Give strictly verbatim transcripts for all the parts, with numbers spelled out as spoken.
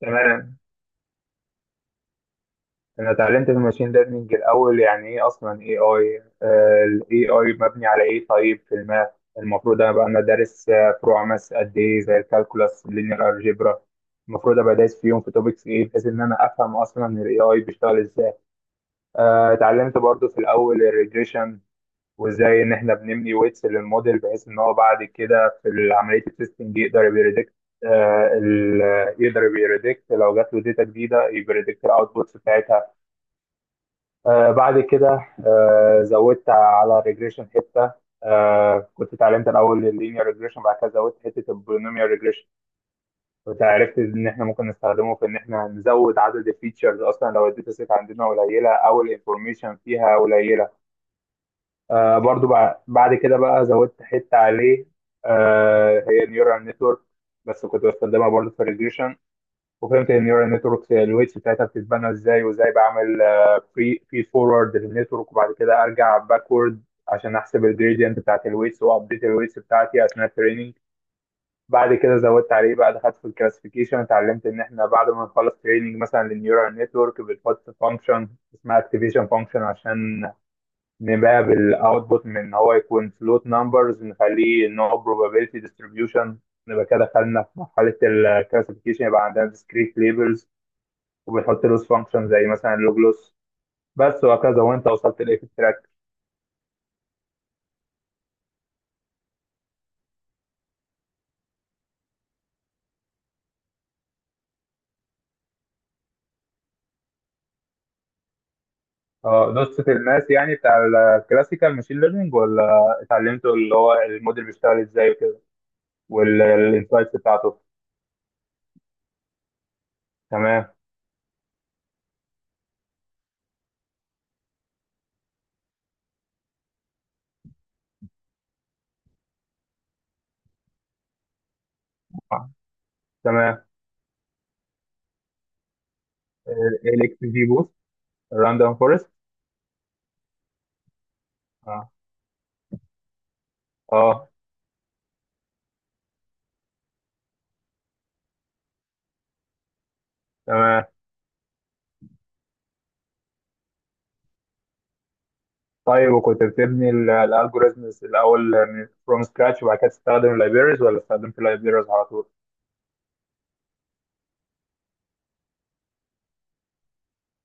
تمام. انا اتعلمت في الماشين ليرنينج الاول يعني ايه اصلا اي اي، الاي اي مبني على ايه؟ طيب، في الماث المفروض ابقى انا دارس آه، فروع ماث قد ايه، زي الكالكولاس، اللينير، الجبرا. المفروض ابقى دايس فيهم في توبكس ايه بحيث ان انا افهم اصلا الاي اي بيشتغل ازاي. آه، اتعلمت برضو في الاول الريجريشن، وازاي ان احنا بنبني ويتس للموديل بحيث ان هو بعد كده في عمليه التستنج يقدر يبريدكت. آه، ال- يقدر يبريدكت لو جات له داتا جديده، يبريدكت الاوتبوتس بتاعتها. آه بعد كده، آه زودت على الريجريشن حته. آه كنت اتعلمت الاول اللينير ريجريشن، بعد كده زودت حته البولينوميال ريجريشن. وعرفت ان احنا ممكن نستخدمه في ان احنا نزود عدد الفيتشرز اصلا لو الداتا سيت عندنا قليله او الانفورميشن فيها قليله. آه برضو بع- بعد كده بقى زودت حته عليه، آه هي نيورال نتورك، بس كنت بستخدمها برضو في الريجريشن. وفهمت ان نيورال نتورك الويتس بتاعتها بتتبنى ازاي، وازاي بعمل فري في فورورد للنتورك، وبعد كده ارجع باكورد عشان احسب الجريدينت بتاعت الويتس وابديت الويتس بتاعتي اثناء التريننج. بعد كده زودت عليه بقى، دخلت في الكلاسيفيكيشن، اتعلمت ان احنا بعد ما نخلص تريننج مثلا للنيورال نتورك بنحط فانكشن اسمها اكتيفيشن فانكشن عشان نباب الاوتبوت من ان هو يكون فلوت نمبرز، نخليه ان هو probability distribution. نبقى كده دخلنا في مرحله الكلاسيفيكيشن، يبقى عندنا discrete labels، وبيحط لوس فانكشن زي مثلا اللوج لوس، بس، وهكذا. وانت وصلت لايه في التراك؟ اه، دوست الماس يعني بتاع الكلاسيكال ماشين ليرنينج، ولا اتعلمته اللي هو الموديل بيشتغل ازاي وكده والانسايتس بتاعته؟ تمام. آه، تمام. الاكس جي بوست، الراندوم فورست. اه، اه. تمام. طيب، وكنت بتبني الالجوريزمز الاول من فروم سكراتش وبعد كده تستخدم اللايبريز، ولا استخدمت اللايبريز على طول؟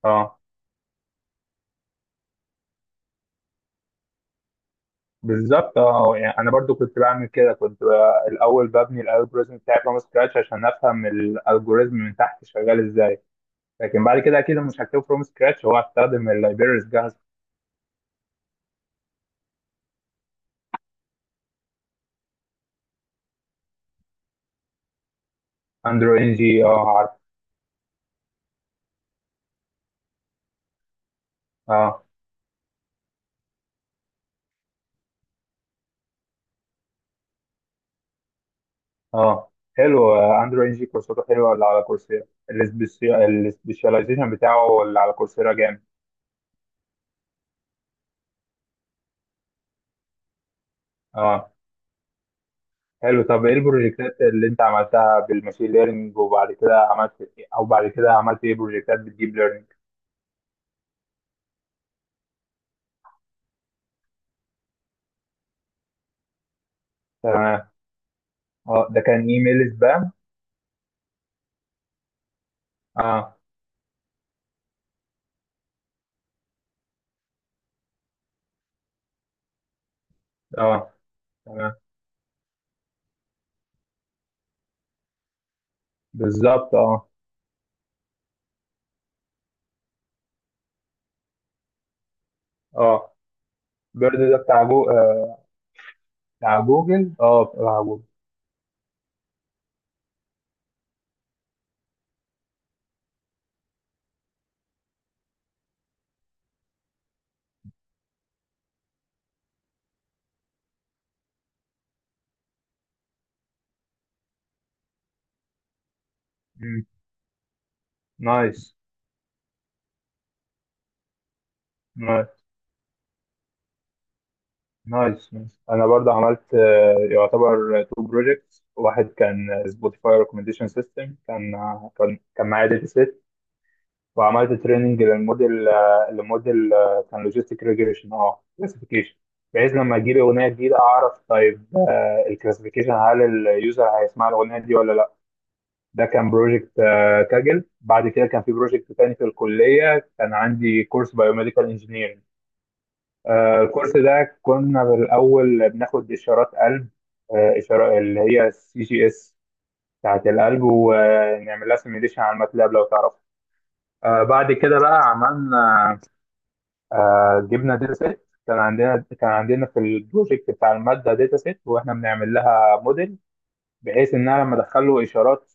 اه. بالظبط، اه، يعني انا برضو كنت بعمل كده، كنت بقى الاول ببني الالجوريزم بتاعي فروم سكراتش عشان افهم الالجوريزم من تحت شغال ازاي، لكن بعد كده اكيد مش هكتبه فروم سكراتش، هو هستخدم اللايبريز جاهزه. اندرو ان جي، اه، عارف. اه، اه. حلو، اندرو ان جي كورساته حلوه اللي على كورسيرا، السبيشاليزيشن بتاعه اللي على كورسيرا جامد. اه، حلو. طب ايه البروجكتات اللي انت عملتها بالماشين ليرنينج، وبعد كده عملت إيه، او بعد كده عملت ايه بروجكتات بالديب ليرنينج؟ اه، ده كان ايميل سبام. اه، اه، تمام، بالظبط، اه، اه. بيرد ده بتاع جو... آه. بتاع جوجل اه بتاع جوجل. مم. نايس. نايس نايس نايس. انا برضه عملت آه، يعتبر تو بروجكتس، واحد كان سبوتيفاي ريكومنديشن سيستم، كان آه، كان كان معايا داتا سيت. وعملت تريننج للموديل آه، لموديل آه، كان لوجيستيك ريجريشن، اه، كلاسيفيكيشن. بحيث لما اجيب اغنيه جديده اعرف طيب آه، الكلاسيفيكيشن، هل اليوزر هيسمع الاغنيه دي ولا لا. ده كان بروجكت آه، كاجل. بعد كده كان في بروجكت تاني في الكليه، كان عندي كورس بايوميديكال انجينيرنج. آه، الكورس ده كنا بالأول بناخد إشارات قلب، آه، إشارة اللي هي السي جي إس بتاعت القلب، ونعمل لها سيميليشن على الماتلاب لو تعرف. آه، بعد كده بقى عملنا، آه، جبنا داتا سيت، كان عندنا كان عندنا في البروجكت بتاع الماده داتا سيت، واحنا بنعمل لها موديل بحيث ان انا لما ادخل له اشارات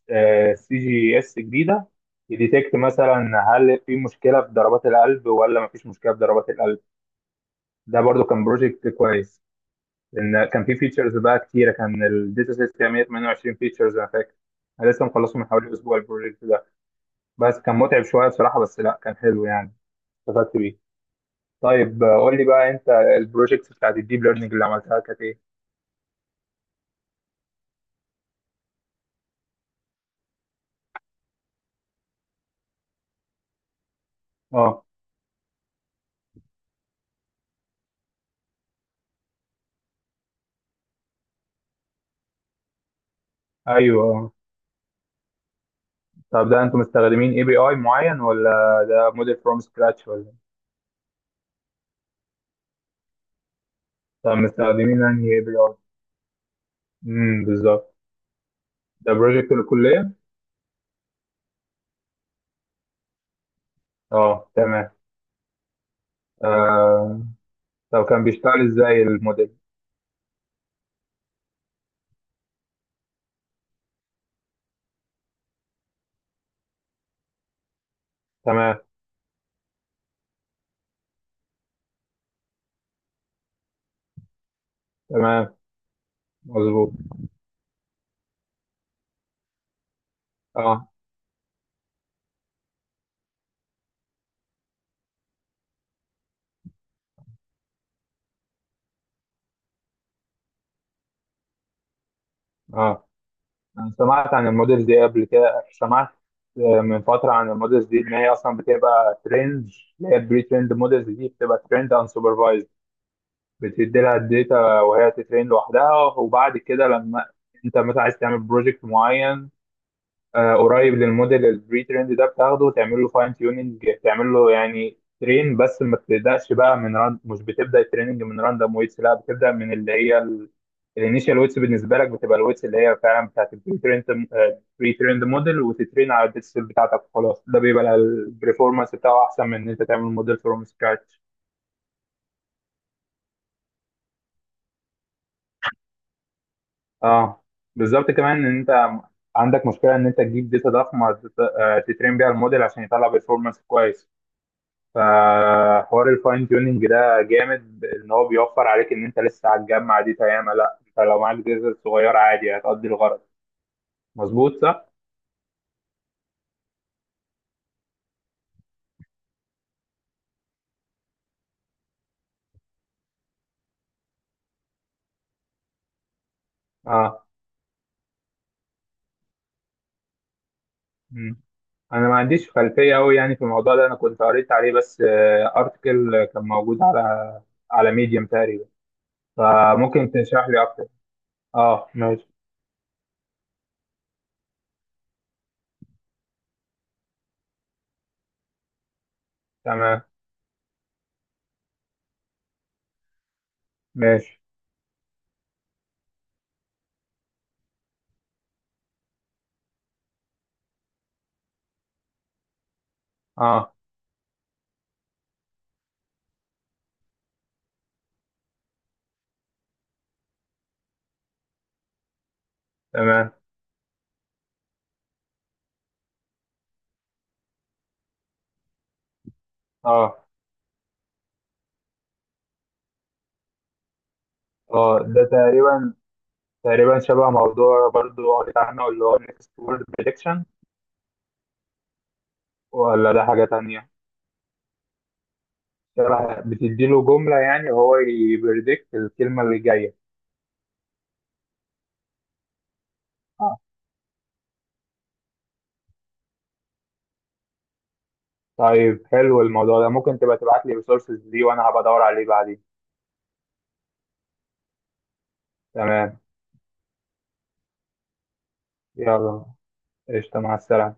سي جي اس جديده، يديتكت مثلا هل في مشكله في ضربات القلب ولا ما فيش مشكله في ضربات القلب. ده برضو كان بروجكت كويس، لان كان في فيتشرز بقى كتيره، كان الداتا سيت فيها مية وتمنية وعشرين فيتشرز انا فاكر. انا لسه مخلصه من حوالي اسبوع البروجكت ده، بس كان متعب شويه بصراحه، بس لا كان حلو يعني، استفدت بيه. طيب آه، قول لي بقى انت، البروجكتس بتاعت الديب ليرنينج اللي عملتها كانت ايه؟ اه، ايوه، اه. طب ده انتوا مستخدمين اي بي اي معين، ولا ده موديل فروم سكراتش، ولا إيه؟ طب مستخدمين انهي اي بي اي؟ امم بالظبط. ده بروجكت الكلية؟ اه، تمام. آه. طب كان بيشتغل ازاي الموديل؟ تمام تمام، مظبوط، اه، اه. انا سمعت عن الموديل دي قبل كده، سمعت آه، من فترة عن الموديلز دي، إن هي أصلا بتبقى ترند، اللي هي البري ترند موديلز دي بتبقى ترند أنسوبرفايزد، بتدي لها الداتا وهي تترين لوحدها. وبعد كده لما انت مثلا عايز تعمل بروجكت معين، آه، قريب للموديل البري تريند ده، بتاخده وتعمل له فاين تيوننج، تعمل له يعني ترين، بس ما بتبداش بقى من راند مش بتبدا التريننج من راندوم ويتس، لا، بتبدا من اللي هي الانيشال ويتس، بالنسبه لك بتبقى الويتس اللي هي فعلا بتاعت البري تريند، بري تريند موديل، وتترين على الداتا بتاعتك وخلاص، ده بيبقى البرفورمانس بتاعه احسن من ان انت تعمل موديل فروم سكراتش. اه، بالظبط، كمان ان انت عندك مشكله ان انت تجيب داتا ضخمه تت- آه، تترين بيها الموديل عشان يطلع بيرفورمانس كويس. فحوار الفاين تيوننج ده جامد، ان هو بيوفر عليك ان انت لسه هتجمع داتا ياما لا، انت لو معاك داتا صغيره عادي هتقضي الغرض. مظبوط، صح؟ اه. مم. انا ما عنديش خلفيه قوي يعني في الموضوع ده، انا كنت قريت عليه بس، ارتكل كان موجود على على ميديم تقريبا. فممكن تشرح لي اكتر. اه، ماشي، تمام، ماشي، اه، تمام، اه، اه. ده تقريبا تقريبا شبه موضوع برضو قريت عنه، اللي هو next word prediction. ولا ده حاجة تانية؟ شبه، بتديله جملة يعني وهو يبريدكت الكلمة اللي جاية. اه. طيب حلو، الموضوع ده ممكن تبقى تبعت لي resources دي وانا هبقى ادور عليه بعدين. تمام. يلا، قشطة، مع السلامة.